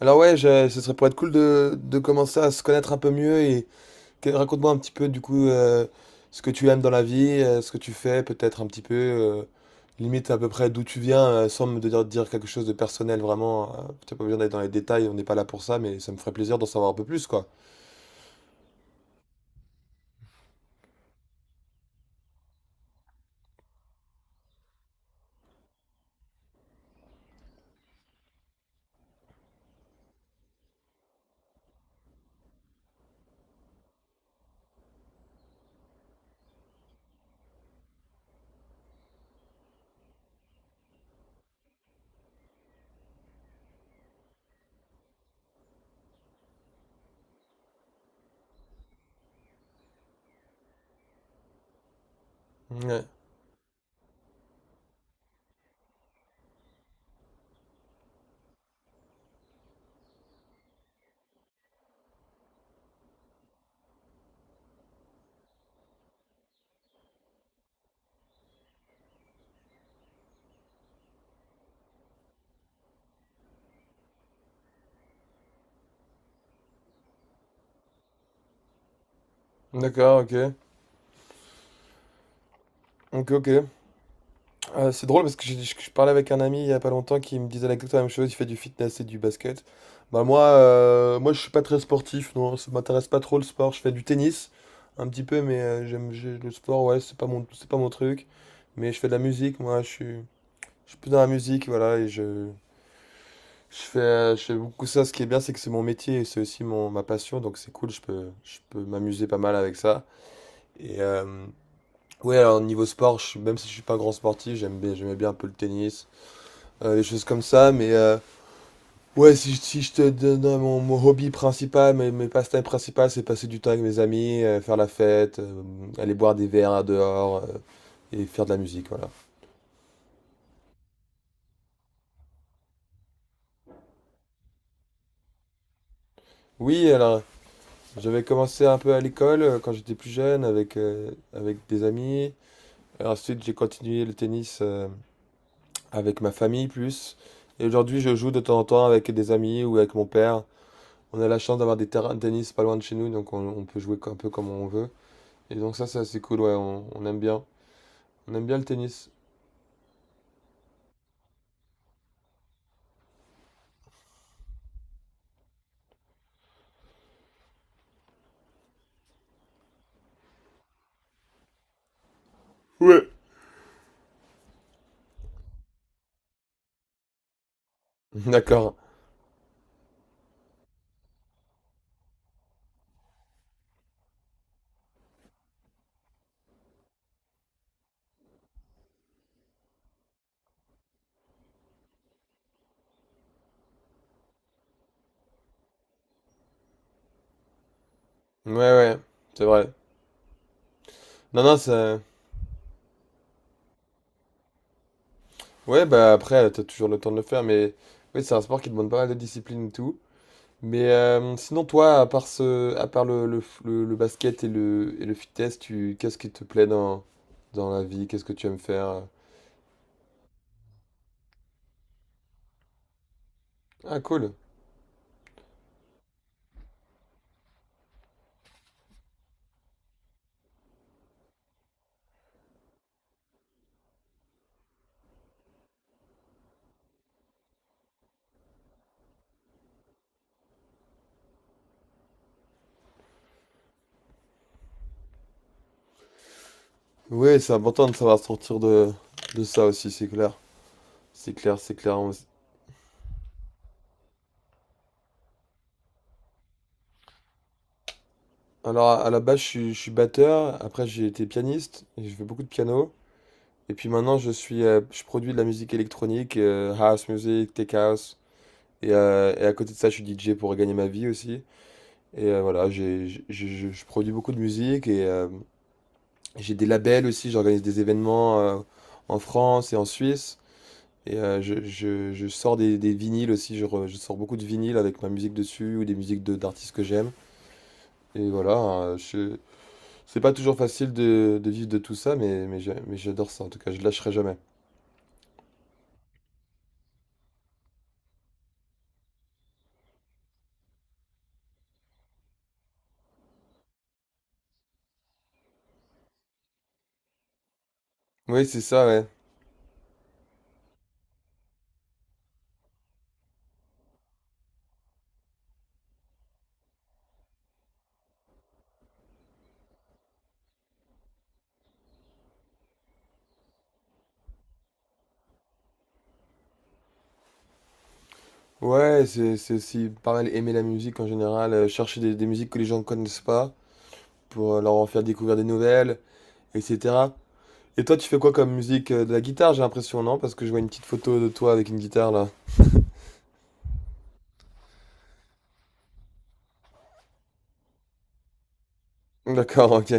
Alors ouais, ce serait pour être cool de commencer à se connaître un peu mieux et raconte-moi un petit peu du coup ce que tu aimes dans la vie, ce que tu fais, peut-être un petit peu, limite à peu près d'où tu viens, sans dire quelque chose de personnel vraiment. T'as pas besoin d'aller dans les détails, on n'est pas là pour ça, mais ça me ferait plaisir d'en savoir un peu plus quoi. Ouais. D'accord, ok. Ok, ok. C'est drôle parce que je parlais avec un ami il y a pas longtemps qui me disait exactement la même chose, il fait du fitness et du basket. Bah moi, moi je suis pas très sportif, non, ça m'intéresse pas trop le sport, je fais du tennis un petit peu, mais le sport, ouais, c'est pas mon truc. Mais je fais de la musique, je suis plus dans la musique, voilà, je fais beaucoup ça. Ce qui est bien, c'est que c'est mon métier et c'est aussi mon, ma passion, donc c'est cool, je peux m'amuser pas mal avec ça. Et ouais, alors niveau sport, même si je suis pas un grand sportif, j'aimais bien un peu le tennis des choses comme ça. Mais ouais, si, si je te donne mon, mon hobby principal, mes passe-temps principaux, c'est passer du temps avec mes amis, faire la fête, aller boire des verres dehors et faire de la musique, voilà. Oui, alors j'avais commencé un peu à l'école quand j'étais plus jeune avec, avec des amis. Et ensuite, j'ai continué le tennis avec ma famille plus. Et aujourd'hui, je joue de temps en temps avec des amis ou avec mon père. On a la chance d'avoir des terrains de tennis pas loin de chez nous, donc on peut jouer un peu comme on veut. Et donc ça, c'est assez cool, ouais, on aime bien. On aime bien le tennis. Ouais. D'accord. Ouais, ouais, c'est vrai. Non, non, ça... Ouais, bah après, t'as toujours le temps de le faire, mais... Oui, c'est un sport qui demande pas mal de discipline et tout. Mais sinon, toi, à part à part le basket et et le fitness, tu... qu'est-ce qui te plaît dans la vie? Qu'est-ce que tu aimes faire? Ah, cool. Ouais, c'est important de savoir sortir de ça aussi, c'est clair. C'est clair, c'est clair. Alors, à la base, je suis batteur. Après, j'ai été pianiste. J'ai fait beaucoup de piano. Et puis maintenant, je suis, je produis de la musique électronique, house music, tech house. Et à côté de ça, je suis DJ pour gagner ma vie aussi. Et voilà, je produis beaucoup de musique et j'ai des labels aussi. J'organise des événements en France et en Suisse. Et je sors des vinyles aussi. Je sors beaucoup de vinyles avec ma musique dessus ou des musiques d'artistes que j'aime. Et voilà, hein, c'est pas toujours facile de vivre de tout ça, mais, mais j'adore ça, en tout cas, je lâcherai jamais. Oui, c'est ça, ouais. Ouais, c'est aussi pareil, aimer la musique en général, chercher des musiques que les gens ne connaissent pas, pour leur en faire découvrir des nouvelles, etc. Et toi, tu fais quoi comme musique? De la guitare, j'ai l'impression, non? Parce que je vois une petite photo de toi avec une guitare, là. D'accord, ok.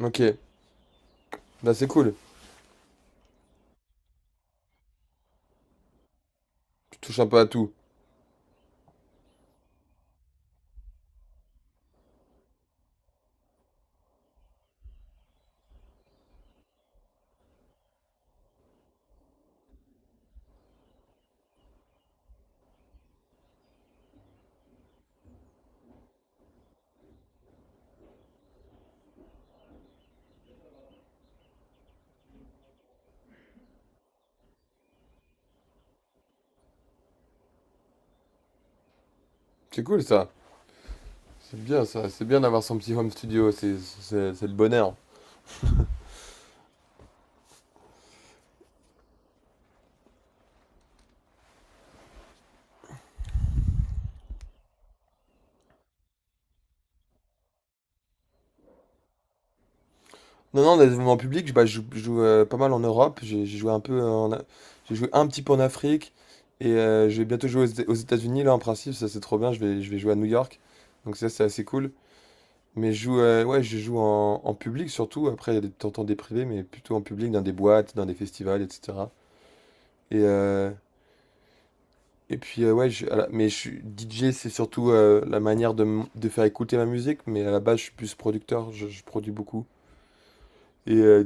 Ok. Bah, c'est cool. Tu touches un peu à tout. C'est cool, ça. C'est bien, ça. C'est bien d'avoir son petit home studio, c'est le bonheur. Non, non, dans les mouvements publics, bah, je joue, pas mal en Europe. J'ai joué un peu j'ai joué un petit peu en Afrique et je vais bientôt jouer aux États-Unis là en principe. Ça c'est trop bien. Je vais jouer à New York. Donc ça c'est assez cool. Mais je joue, ouais, je joue en public surtout. Après, il y a t'entends des privés, mais plutôt en public, dans des boîtes, dans des festivals, etc. Et, euh, et puis ouais, mais je suis DJ, c'est surtout la manière de faire écouter ma musique. Mais à la base, je suis plus producteur. Je produis beaucoup. Et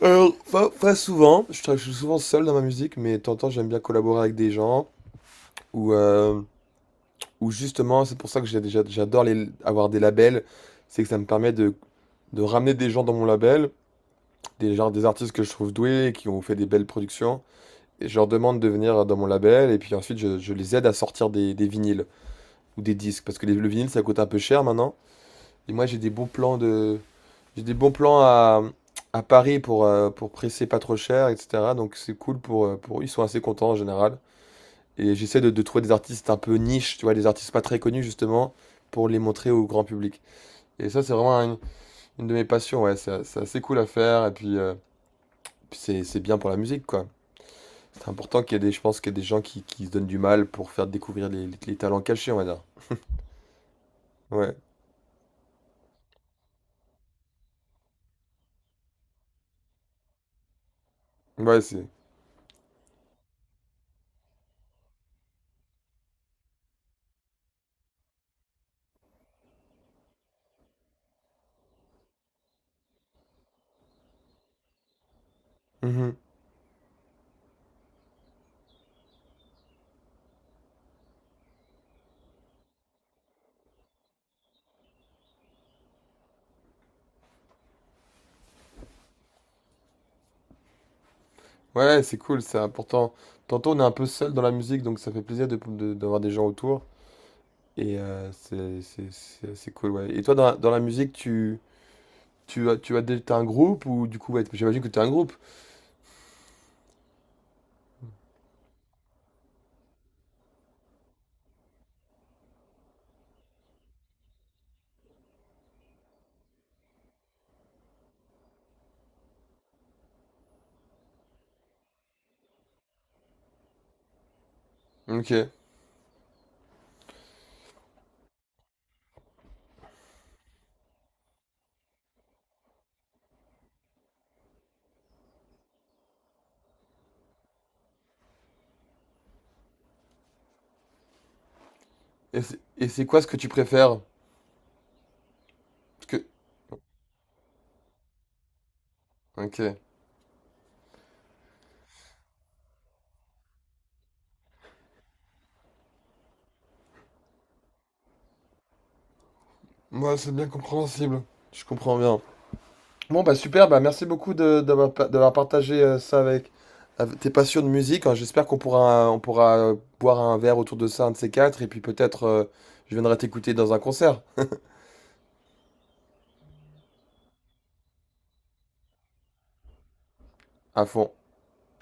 alors, pas souvent. Je suis souvent seul dans ma musique, mais de temps en temps, j'aime bien collaborer avec des gens. Ou, euh, ou justement, c'est pour ça que j'adore avoir des labels. C'est que ça me permet de ramener des gens dans mon label, des, genre, des artistes que je trouve doués, qui ont fait des belles productions. Et je leur demande de venir dans mon label, et puis ensuite, je les aide à sortir des vinyles ou des disques. Parce que le vinyle, ça coûte un peu cher maintenant. Et moi, j'ai des bons plans à Paris pour presser pas trop cher, etc. Donc c'est cool pour... Ils sont assez contents en général. Et j'essaie de trouver des artistes un peu niche, tu vois, des artistes pas très connus justement, pour les montrer au grand public. Et ça, c'est vraiment une de mes passions, ouais. C'est assez cool à faire, et puis, c'est bien pour la musique, quoi. C'est important qu'il y ait des, je pense qu'il y ait des gens qui se donnent du mal pour faire découvrir les talents cachés, on va dire. Ouais, ouais, c'est... Mhm. Ouais, ouais, c'est cool, c'est important. Tantôt, on est un peu seul dans la musique, donc ça fait plaisir d'avoir des gens autour. Et c'est assez cool, ouais. Et toi, dans la musique, tu as des, t'as un groupe ou du coup, ouais, j'imagine que tu as un groupe. Ok. Et c'est quoi ce que tu préfères? Parce que... Ok. Moi, c'est bien compréhensible. Je comprends bien. Bon, bah super, bah merci beaucoup d'avoir, d'avoir partagé ça avec, avec tes passions de musique. Hein. J'espère qu'on pourra, on pourra boire un verre autour de ça, un de ces quatre, et puis peut-être je viendrai t'écouter dans un concert à fond.